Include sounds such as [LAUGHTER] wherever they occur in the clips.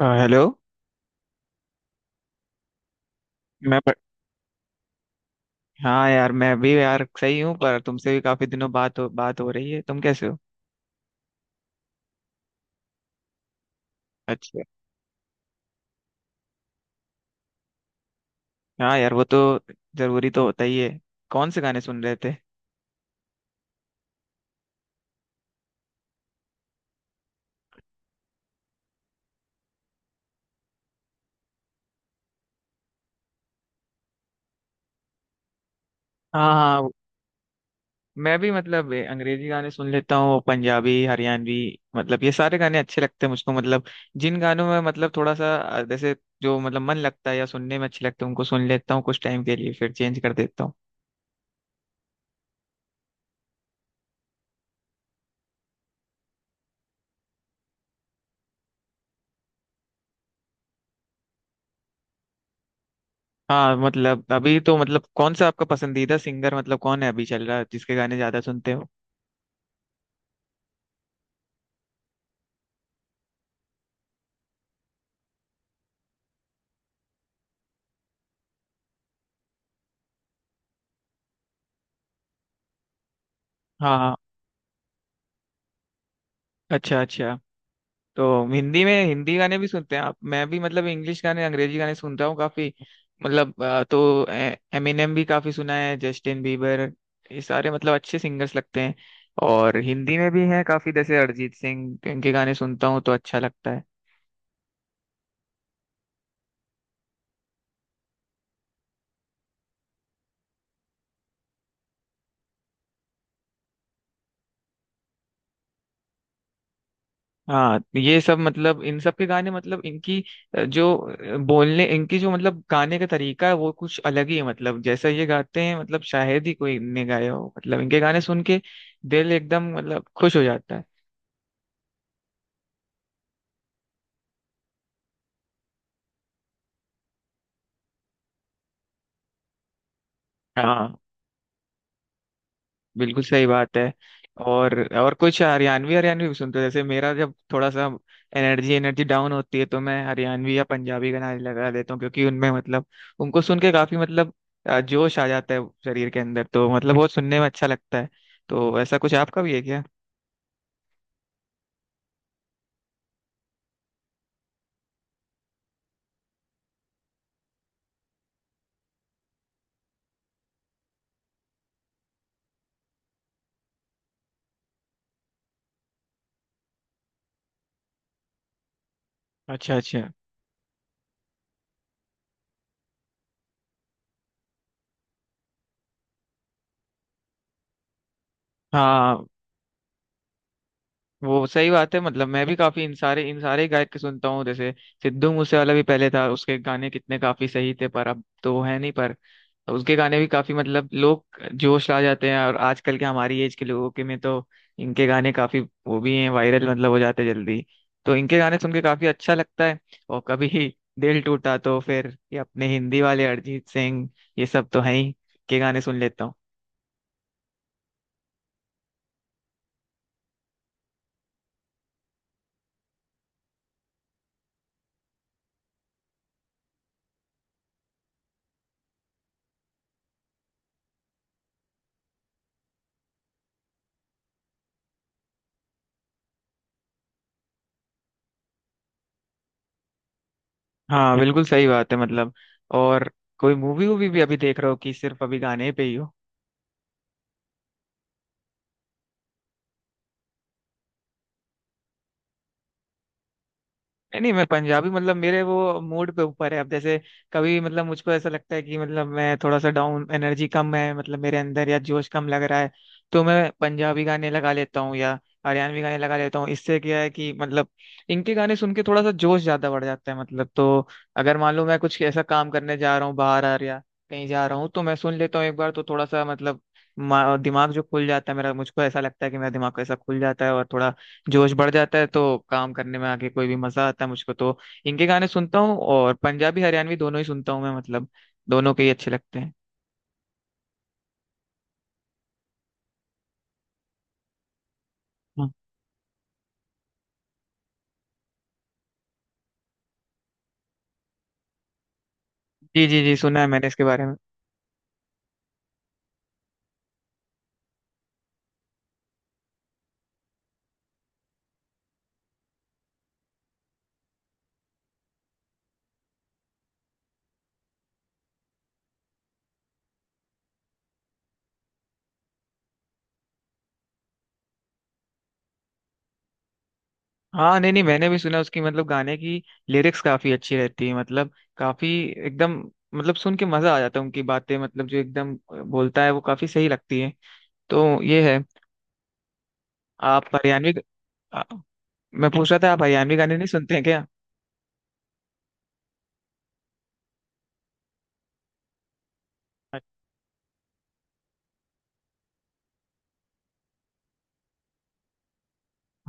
Hello. मैं प... हाँ यार, मैं भी यार सही हूँ, पर तुमसे भी काफी दिनों बात हो रही है। तुम कैसे हो? अच्छा। हाँ यार, वो तो जरूरी तो होता ही है। कौन से गाने सुन रहे थे? हाँ हाँ, मैं भी मतलब अंग्रेजी गाने सुन लेता हूँ, पंजाबी, हरियाणवी। मतलब ये सारे गाने अच्छे लगते हैं मुझको। मतलब जिन गानों में मतलब थोड़ा सा जैसे जो मतलब मन लगता है या सुनने में अच्छे लगते हैं, उनको सुन लेता हूँ कुछ टाइम के लिए, फिर चेंज कर देता हूँ। हाँ मतलब अभी तो मतलब कौन सा आपका पसंदीदा सिंगर मतलब कौन है अभी चल रहा है, जिसके गाने ज्यादा सुनते हो? हाँ, अच्छा अच्छा। तो हिंदी में हिंदी गाने भी सुनते हैं आप? मैं भी मतलब इंग्लिश गाने, अंग्रेजी गाने सुनता हूँ काफी। मतलब तो एमिनेम भी काफी सुना है, जस्टिन बीबर, ये सारे मतलब अच्छे सिंगर्स लगते हैं। और हिंदी में भी हैं काफी, जैसे अरिजीत सिंह, इनके गाने सुनता हूँ तो अच्छा लगता है। हाँ तो ये सब मतलब इन सब के गाने मतलब इनकी जो बोलने इनकी जो मतलब गाने का तरीका है वो कुछ अलग ही है। मतलब जैसा ये गाते हैं मतलब शायद ही कोई ने गाया हो, मतलब इनके गाने सुन के दिल एकदम मतलब खुश हो जाता है। हाँ, बिल्कुल सही बात है। और कुछ हरियाणवी हरियाणवी भी सुनते हो? जैसे मेरा जब थोड़ा सा एनर्जी एनर्जी डाउन होती है, तो मैं हरियाणवी या पंजाबी गाना लगा देता हूँ, क्योंकि उनमें मतलब उनको सुन के काफी मतलब जोश आ जाता है शरीर के अंदर, तो मतलब बहुत सुनने में अच्छा लगता है। तो ऐसा कुछ आपका भी है क्या? अच्छा अच्छा। हाँ, वो सही बात है। मतलब मैं भी काफी इन सारे गायक के सुनता हूँ। जैसे सिद्धू मूसेवाला भी पहले था, उसके गाने कितने काफी सही थे, पर अब तो वो है नहीं। पर उसके गाने भी काफी मतलब लोग जोश ला जाते हैं, और आजकल के हमारी एज के लोगों के में तो इनके गाने काफी वो भी हैं वायरल, मतलब हो जाते हैं जल्दी। तो इनके गाने सुन के काफी अच्छा लगता है। और कभी [LAUGHS] दिल टूटा तो फिर ये अपने हिंदी वाले अरिजीत सिंह, ये सब तो हैं ही, के गाने सुन लेता हूँ। हाँ बिल्कुल सही बात है, मतलब। और कोई मूवी वूवी भी अभी देख रहे हो, कि सिर्फ अभी गाने पे ही हो? नहीं नहीं, मैं पंजाबी मतलब मेरे वो मूड पे ऊपर है। अब जैसे कभी मतलब मुझको ऐसा लगता है कि मतलब मैं थोड़ा सा डाउन, एनर्जी कम है मतलब मेरे अंदर, या जोश कम लग रहा है, तो मैं पंजाबी गाने लगा लेता हूँ या हरियाणवी गाने लगा लेता हूँ। इससे क्या है कि मतलब इनके गाने सुन के थोड़ा सा जोश ज्यादा बढ़ जाता है मतलब। तो अगर मान लो मैं कुछ ऐसा काम करने जा रहा हूँ बाहर आ या कहीं जा रहा हूँ, तो मैं सुन लेता हूँ एक बार, तो थोड़ा सा मतलब दिमाग जो खुल जाता है मेरा, मुझको ऐसा लगता है कि मेरा दिमाग ऐसा खुल जाता है और थोड़ा जोश बढ़ जाता है, तो काम करने में आगे कोई भी मजा आता है मुझको। तो इनके गाने सुनता हूँ, और पंजाबी हरियाणवी दोनों ही सुनता हूँ मैं, मतलब दोनों के ही अच्छे लगते हैं। हाँ। जी जी जी, सुना है मैंने इसके बारे में। हाँ नहीं नहीं, मैंने भी सुना, उसकी मतलब गाने की लिरिक्स काफी अच्छी रहती है, मतलब काफी एकदम, मतलब सुन के मजा आ जाता है, उनकी बातें मतलब जो एकदम बोलता है वो काफी सही लगती है। तो ये है। आप हरियाणवी आ- मैं पूछ रहा था, आप हरियाणवी गाने नहीं सुनते हैं क्या?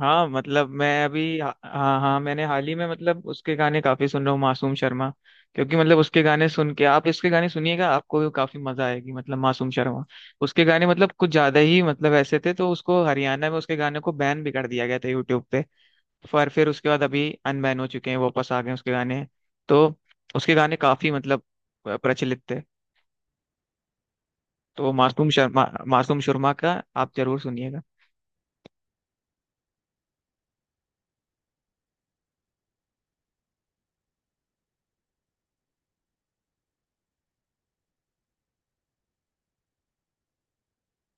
हाँ मतलब मैं अभी हाँ, हाँ मैंने हाल ही में मतलब उसके गाने काफी सुन रहा हूँ, मासूम शर्मा। क्योंकि मतलब उसके गाने सुन के, आप इसके गाने सुनिएगा, आपको भी काफी मजा आएगी मतलब। मासूम शर्मा, उसके गाने मतलब कुछ ज्यादा ही मतलब ऐसे थे, तो उसको हरियाणा में उसके गाने को बैन भी कर दिया गया था यूट्यूब पे। पर फिर उसके बाद अभी अनबैन हो चुके हैं, वापस आ गए हैं उसके गाने। तो उसके गाने काफी मतलब प्रचलित थे। तो मासूम शर्मा, मासूम शर्मा का आप जरूर सुनिएगा।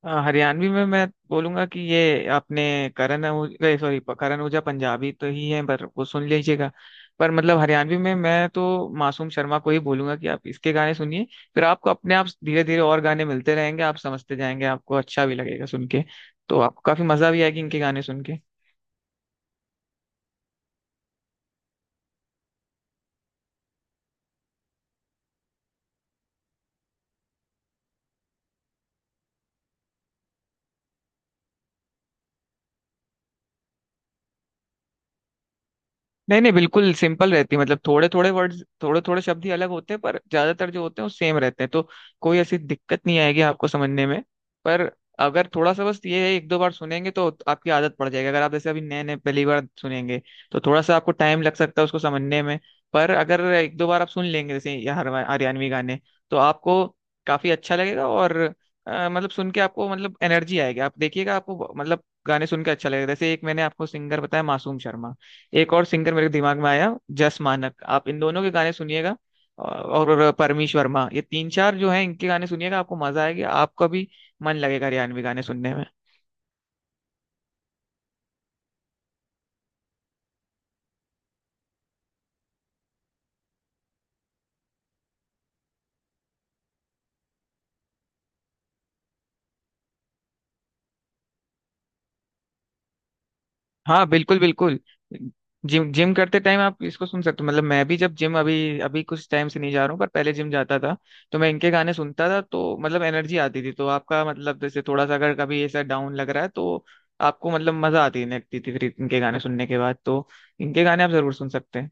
हाँ, हरियाणवी में मैं बोलूंगा कि ये अपने करण ओजला, सॉरी, करण ओजला पंजाबी तो ही है, पर वो सुन लीजिएगा। पर मतलब हरियाणवी में मैं तो मासूम शर्मा को ही बोलूंगा कि आप इसके गाने सुनिए। फिर आपको अपने आप धीरे धीरे और गाने मिलते रहेंगे, आप समझते जाएंगे, आपको अच्छा भी लगेगा सुन के। तो आपको काफी मजा भी आएगी इनके गाने सुन के। नहीं नहीं, बिल्कुल सिंपल रहती है मतलब। थोड़े थोड़े वर्ड्स, थोड़े थोड़े शब्द ही अलग होते हैं, पर ज्यादातर जो होते हैं वो सेम रहते हैं, तो कोई ऐसी दिक्कत नहीं आएगी आपको समझने में। पर अगर थोड़ा सा बस ये है, एक दो बार सुनेंगे तो आपकी आदत पड़ जाएगी। अगर आप जैसे अभी नए नए पहली बार सुनेंगे, तो थोड़ा सा आपको टाइम लग सकता है उसको समझने में। पर अगर एक दो बार आप सुन लेंगे जैसे ये हरियाणवी गाने, तो आपको काफी अच्छा लगेगा। और मतलब सुन के आपको मतलब एनर्जी आएगी, आप देखिएगा आपको मतलब गाने सुन के अच्छा लगेगा। जैसे एक मैंने आपको सिंगर बताया, मासूम शर्मा। एक और सिंगर मेरे दिमाग में आया, जस मानक। आप इन दोनों के गाने सुनिएगा। और परमीश वर्मा, ये तीन चार जो हैं, इनके गाने सुनिएगा, आपको मजा आएगा, आपका भी मन लगेगा हरियाणवी गाने सुनने में। हाँ बिल्कुल बिल्कुल। जिम जिम करते टाइम आप इसको सुन सकते हो। मतलब मैं भी जब जिम अभी अभी कुछ टाइम से नहीं जा रहा हूँ, पर पहले जिम जाता था, तो मैं इनके गाने सुनता था, तो मतलब एनर्जी आती थी। तो आपका मतलब जैसे थोड़ा सा अगर कभी ऐसा डाउन लग रहा है, तो आपको मतलब मजा आती लगती थी फिर इनके गाने सुनने के बाद, तो इनके गाने आप जरूर सुन सकते हैं।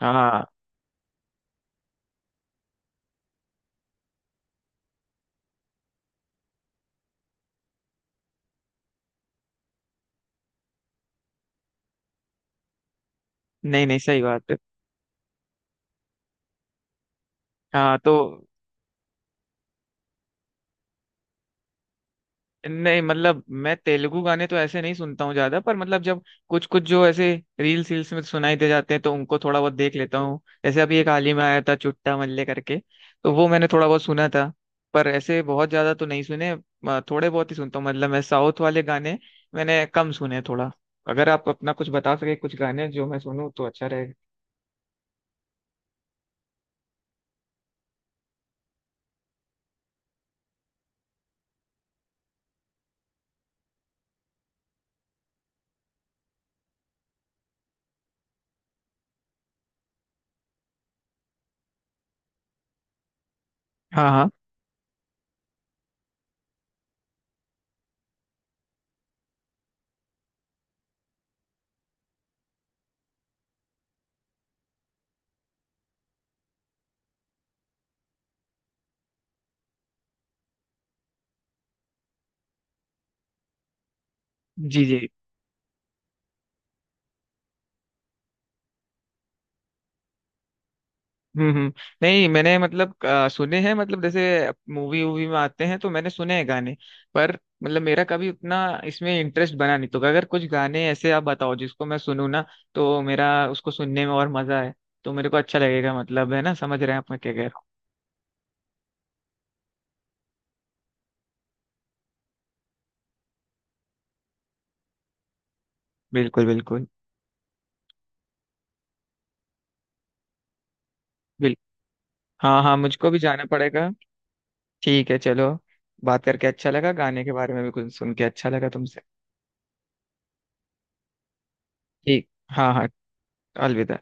हाँ नहीं नहीं, सही बात है। हाँ तो नहीं मतलब मैं तेलुगु गाने तो ऐसे नहीं सुनता हूँ ज्यादा, पर मतलब जब कुछ कुछ जो ऐसे रील्स रील्स में सुनाई दे जाते हैं, तो उनको थोड़ा बहुत देख लेता हूँ। जैसे अभी एक हाल ही में आया था, चुट्टा मल्ले करके, तो वो मैंने थोड़ा बहुत सुना था, पर ऐसे बहुत ज्यादा तो नहीं सुने। थोड़े बहुत ही सुनता हूँ मतलब मैं साउथ वाले गाने, मैंने कम सुने हैं थोड़ा। अगर आप अपना कुछ बता सके कुछ गाने जो मैं सुनूँ तो अच्छा रहेगा। हाँ हाँ। जी जी। हम्म हम्म। नहीं मैंने मतलब सुने हैं, मतलब जैसे मूवी वूवी में आते हैं तो मैंने सुने हैं गाने, पर मतलब मेरा कभी उतना इसमें इंटरेस्ट बना नहीं, तो अगर कुछ गाने ऐसे आप बताओ जिसको मैं सुनूं ना, तो मेरा उसको सुनने में और मजा है, तो मेरे को अच्छा लगेगा। मतलब है ना, समझ रहे हैं आप मैं क्या कह रहा हूँ? बिल्कुल बिल्कुल। बिल हाँ हाँ, मुझको भी जाना पड़ेगा। ठीक है चलो। बात करके अच्छा लगा, गाने के बारे में भी कुछ सुन के अच्छा लगा तुमसे। ठीक। हाँ हाँ। अलविदा।